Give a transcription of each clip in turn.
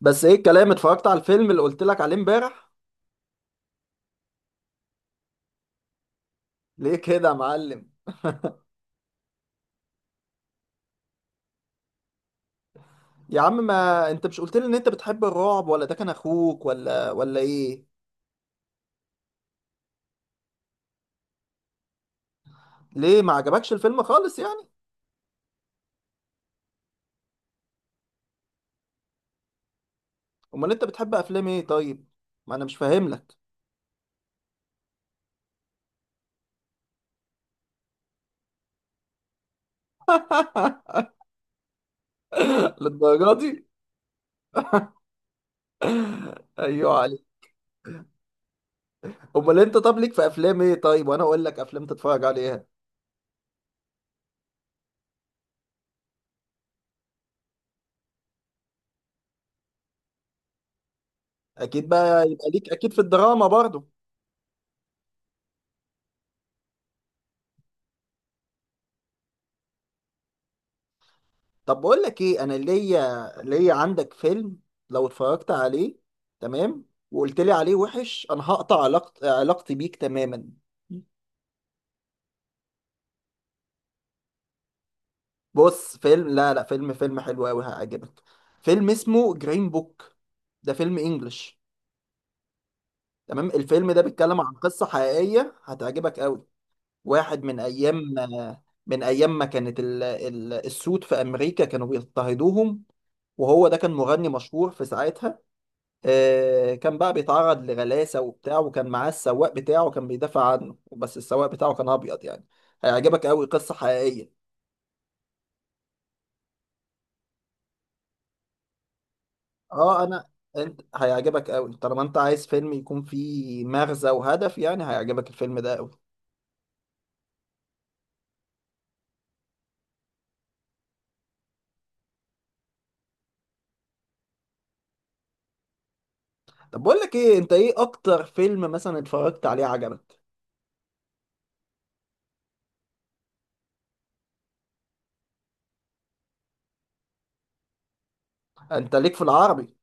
بس ايه الكلام، اتفرجت على الفيلم اللي قلت لك عليه امبارح. ليه كده يا معلم؟ يا عم ما انت مش قلت لي ان انت بتحب الرعب، ولا ده كان اخوك ولا ايه؟ ليه ما عجبكش الفيلم خالص يعني؟ امال انت بتحب افلام ايه طيب؟ ما انا مش فاهم لك. للدرجه دي؟ ايوه عليك. امال انت، طب ليك في افلام ايه طيب، وانا اقول لك افلام تتفرج عليها. اكيد بقى، يبقى ليك اكيد في الدراما برضو. طب بقول لك ايه، انا ليا عندك فيلم. لو اتفرجت عليه، تمام، وقلت لي عليه وحش، انا هقطع علاقتي بيك تماما. بص فيلم، لا فيلم حلو قوي هيعجبك. فيلم اسمه جرين بوك. ده فيلم انجلش. تمام. الفيلم ده بيتكلم عن قصة حقيقية، هتعجبك قوي. واحد من ايام، من ايام ما كانت السود في امريكا كانوا بيضطهدوهم. وهو ده كان مغني مشهور في ساعتها. كان بقى بيتعرض لغلاسة وبتاع، وكان معاه السواق بتاعه كان بيدافع عنه، بس السواق بتاعه كان أبيض يعني. هيعجبك أوي، قصة حقيقية. اه أنا، أنت هيعجبك أوي طالما أنت عايز فيلم يكون فيه مغزى وهدف، يعني هيعجبك الفيلم ده أوي. طب بقول لك إيه، أنت إيه أكتر فيلم مثلا اتفرجت عليه عجبك؟ أنت ليك في العربي؟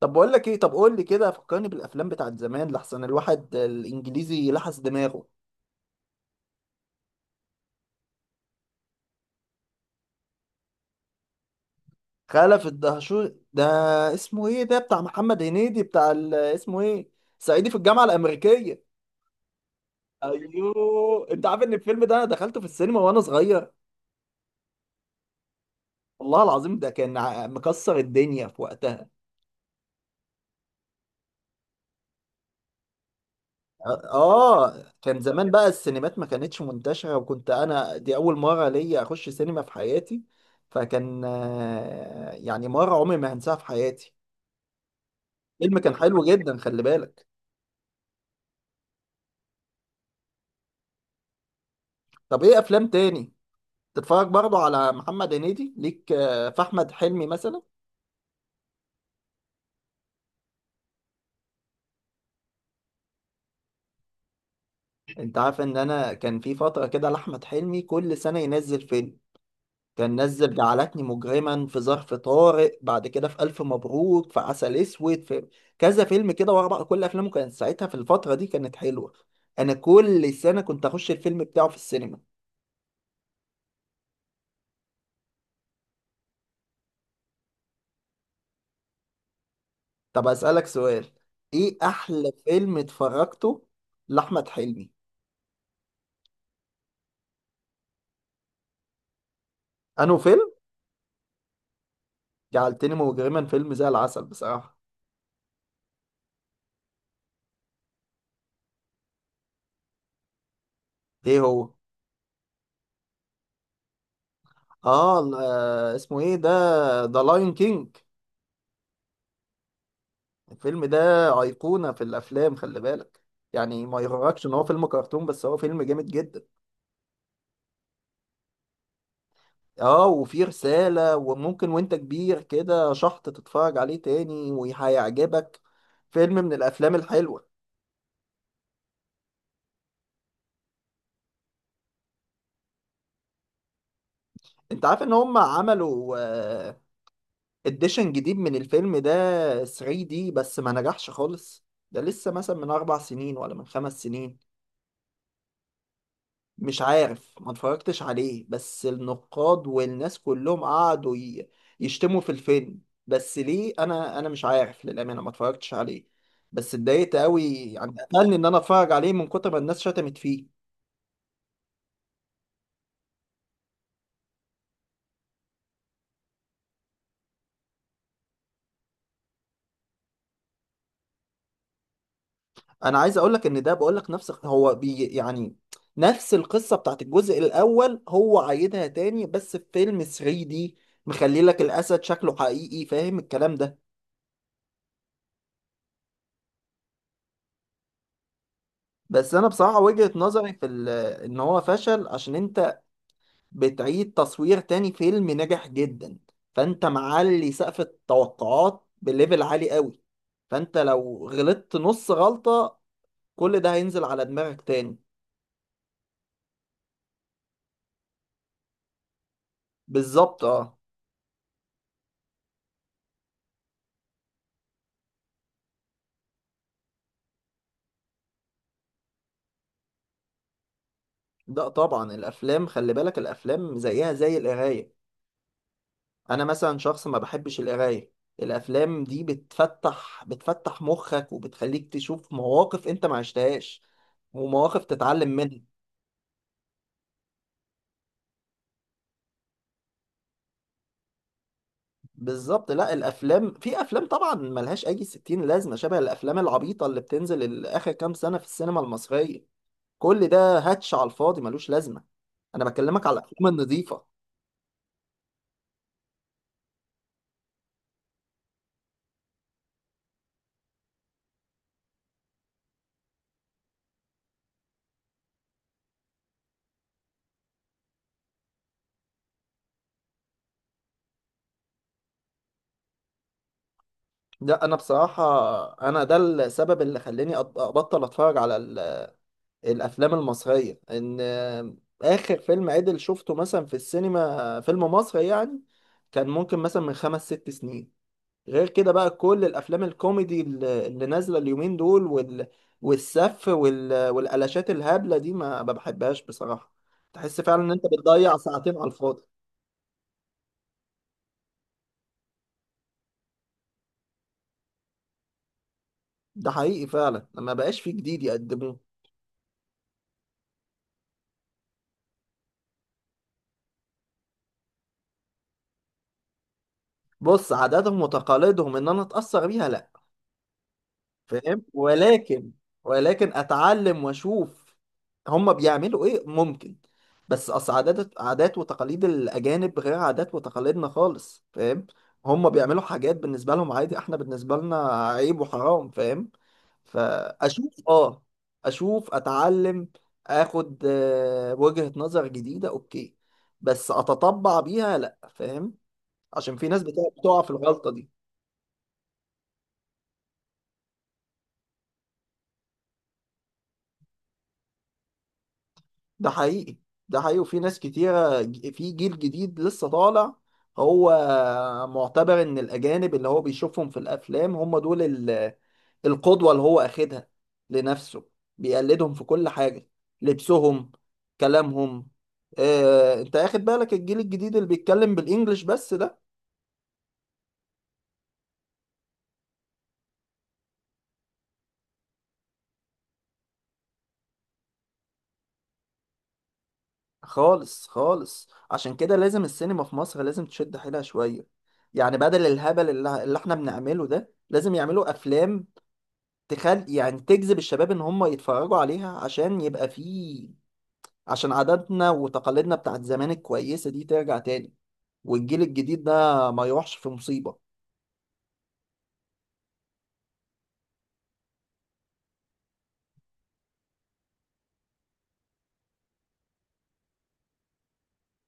طب بقول لك إيه، طب قول لي كده فكرني بالأفلام بتاعت زمان، لحسن الواحد الإنجليزي لحس دماغه. خلف الدهشور ده، اسمه ايه ده بتاع محمد هنيدي بتاع اسمه ايه؟ صعيدي في الجامعة الأمريكية. ايوه. انت عارف ان الفيلم ده انا دخلته في السينما وانا صغير؟ والله العظيم ده كان مكسر الدنيا في وقتها. اه كان زمان بقى السينمات ما كانتش منتشرة، وكنت انا دي اول مرة ليا اخش سينما في حياتي. فكان يعني مرة عمري ما هنساها في حياتي. الفيلم كان حلو جدا، خلي بالك. طب ايه افلام تاني تتفرج برضو على محمد هنيدي؟ ليك في احمد حلمي مثلا؟ انت عارف ان انا كان في فتره كده لاحمد حلمي كل سنه ينزل فيلم؟ كان نزل جعلتني مجرما، في ظرف طارق، بعد كده في الف مبروك، في عسل اسود، في كذا فيلم كده ورا بعض. كل افلامه كانت ساعتها في الفتره دي كانت حلوه. انا كل سنه كنت اخش الفيلم بتاعه في السينما. طب اسالك سؤال، ايه احلى فيلم اتفرجته لاحمد حلمي؟ انه فيلم؟ جعلتني مجرما فيلم زي العسل بصراحه. ايه هو؟ اه اسمه ايه ده؟ ذا لاين كينج. الفيلم ده ايقونه في الافلام، خلي بالك. يعني ما يغركش ان هو فيلم كرتون، بس هو فيلم جامد جدا. اه وفيه رساله، وممكن وانت كبير كده شحط تتفرج عليه تاني وهيعجبك. فيلم من الافلام الحلوه. انت عارف ان هم عملوا اديشن جديد من الفيلم ده 3 دي، بس ما نجحش خالص. ده لسه مثلا من اربع سنين ولا من خمس سنين. مش عارف، ما اتفرجتش عليه، بس النقاد والناس كلهم قعدوا يشتموا في الفيلم. بس ليه؟ انا مش عارف للامانه، ما اتفرجتش عليه، بس اتضايقت قوي يعني. قتلني ان انا اتفرج عليه من كتر ما الناس شتمت فيه. انا عايز اقول لك ان ده، بقول لك، نفس هو بي يعني، نفس القصه بتاعت الجزء الاول هو عايدها تاني، بس في فيلم 3 دي مخلي لك الاسد شكله حقيقي، فاهم الكلام ده؟ بس انا بصراحه وجهه نظري في ان هو فشل عشان انت بتعيد تصوير تاني فيلم نجح جدا. فانت معلي سقف التوقعات بليفل عالي قوي، فانت لو غلطت نص غلطة كل ده هينزل على دماغك تاني. بالظبط، اه. ده طبعا الافلام، خلي بالك، الافلام زيها زي القراية. انا مثلا شخص ما بحبش القراية. الافلام دي بتفتح مخك، وبتخليك تشوف مواقف انت ما عشتهاش ومواقف تتعلم منها. بالظبط. لا الافلام، في افلام طبعا ملهاش اي 60 لازمه، شبه الافلام العبيطه اللي بتنزل اخر كام سنه في السينما المصريه. كل ده هاتش على الفاضي، ملوش لازمه. انا بكلمك على الافلام النظيفه. لا انا بصراحه، انا ده السبب اللي خلاني ابطل اتفرج على الافلام المصريه. ان اخر فيلم عدل شفته مثلا في السينما، فيلم مصري يعني، كان ممكن مثلا من خمس ست سنين. غير كده بقى كل الافلام الكوميدي اللي نازله اليومين دول والسف والقلاشات الهبله دي ما بحبهاش بصراحه. تحس فعلا ان انت بتضيع ساعتين على الفاضي. ده حقيقي فعلا، ما بقاش فيه جديد يقدموه. بص، عاداتهم وتقاليدهم ان انا اتاثر بيها لا، فاهم؟ ولكن اتعلم واشوف هم بيعملوا ايه ممكن. بس اصل عادات وتقاليد الاجانب غير عادات وتقاليدنا خالص، فاهم؟ هم بيعملوا حاجات بالنسبه لهم عادي، احنا بالنسبه لنا عيب وحرام، فاهم؟ فاشوف اه، اشوف اتعلم، اخد وجهة نظر جديده، اوكي. بس اتطبع بيها لا، فاهم؟ عشان في ناس بتقع في الغلطه دي. ده حقيقي. ده حقيقي، وفي ناس كتيرة في جيل جديد لسه طالع، هو معتبر ان الاجانب اللي هو بيشوفهم في الافلام هم دول القدوة اللي هو اخدها لنفسه. بيقلدهم في كل حاجة، لبسهم، كلامهم. اه انت اخد بالك الجيل الجديد اللي بيتكلم بالانجلش بس ده؟ خالص. خالص، عشان كده لازم السينما في مصر لازم تشد حيلها شوية. يعني بدل الهبل اللي احنا بنعمله ده، لازم يعملوا افلام تخل، يعني تجذب الشباب ان هم يتفرجوا عليها، عشان يبقى فيه، عشان عاداتنا وتقاليدنا بتاعت زمان الكويسة دي ترجع تاني، والجيل الجديد ده ما يروحش في مصيبة.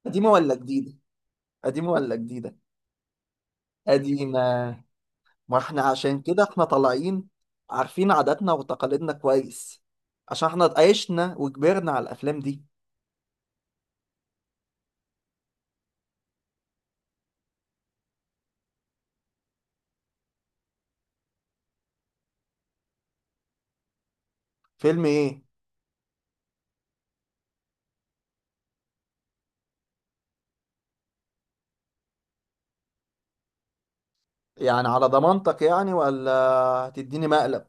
قديمة ولا جديدة؟ قديمة ولا جديدة؟ قديمة. ما احنا عشان كده احنا طالعين عارفين عاداتنا وتقاليدنا كويس، عشان احنا عشنا وكبرنا على الافلام دي. فيلم ايه؟ يعني على ضمانتك يعني، ولا هتديني مقلب؟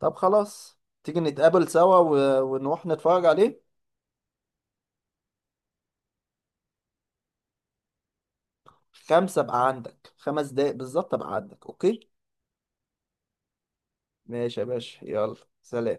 طب خلاص، تيجي نتقابل سوا ونروح نتفرج عليه. خمسة بقى عندك، خمس دقايق بالظبط بقى عندك، اوكي؟ ماشي يا باشا، يلا سلام.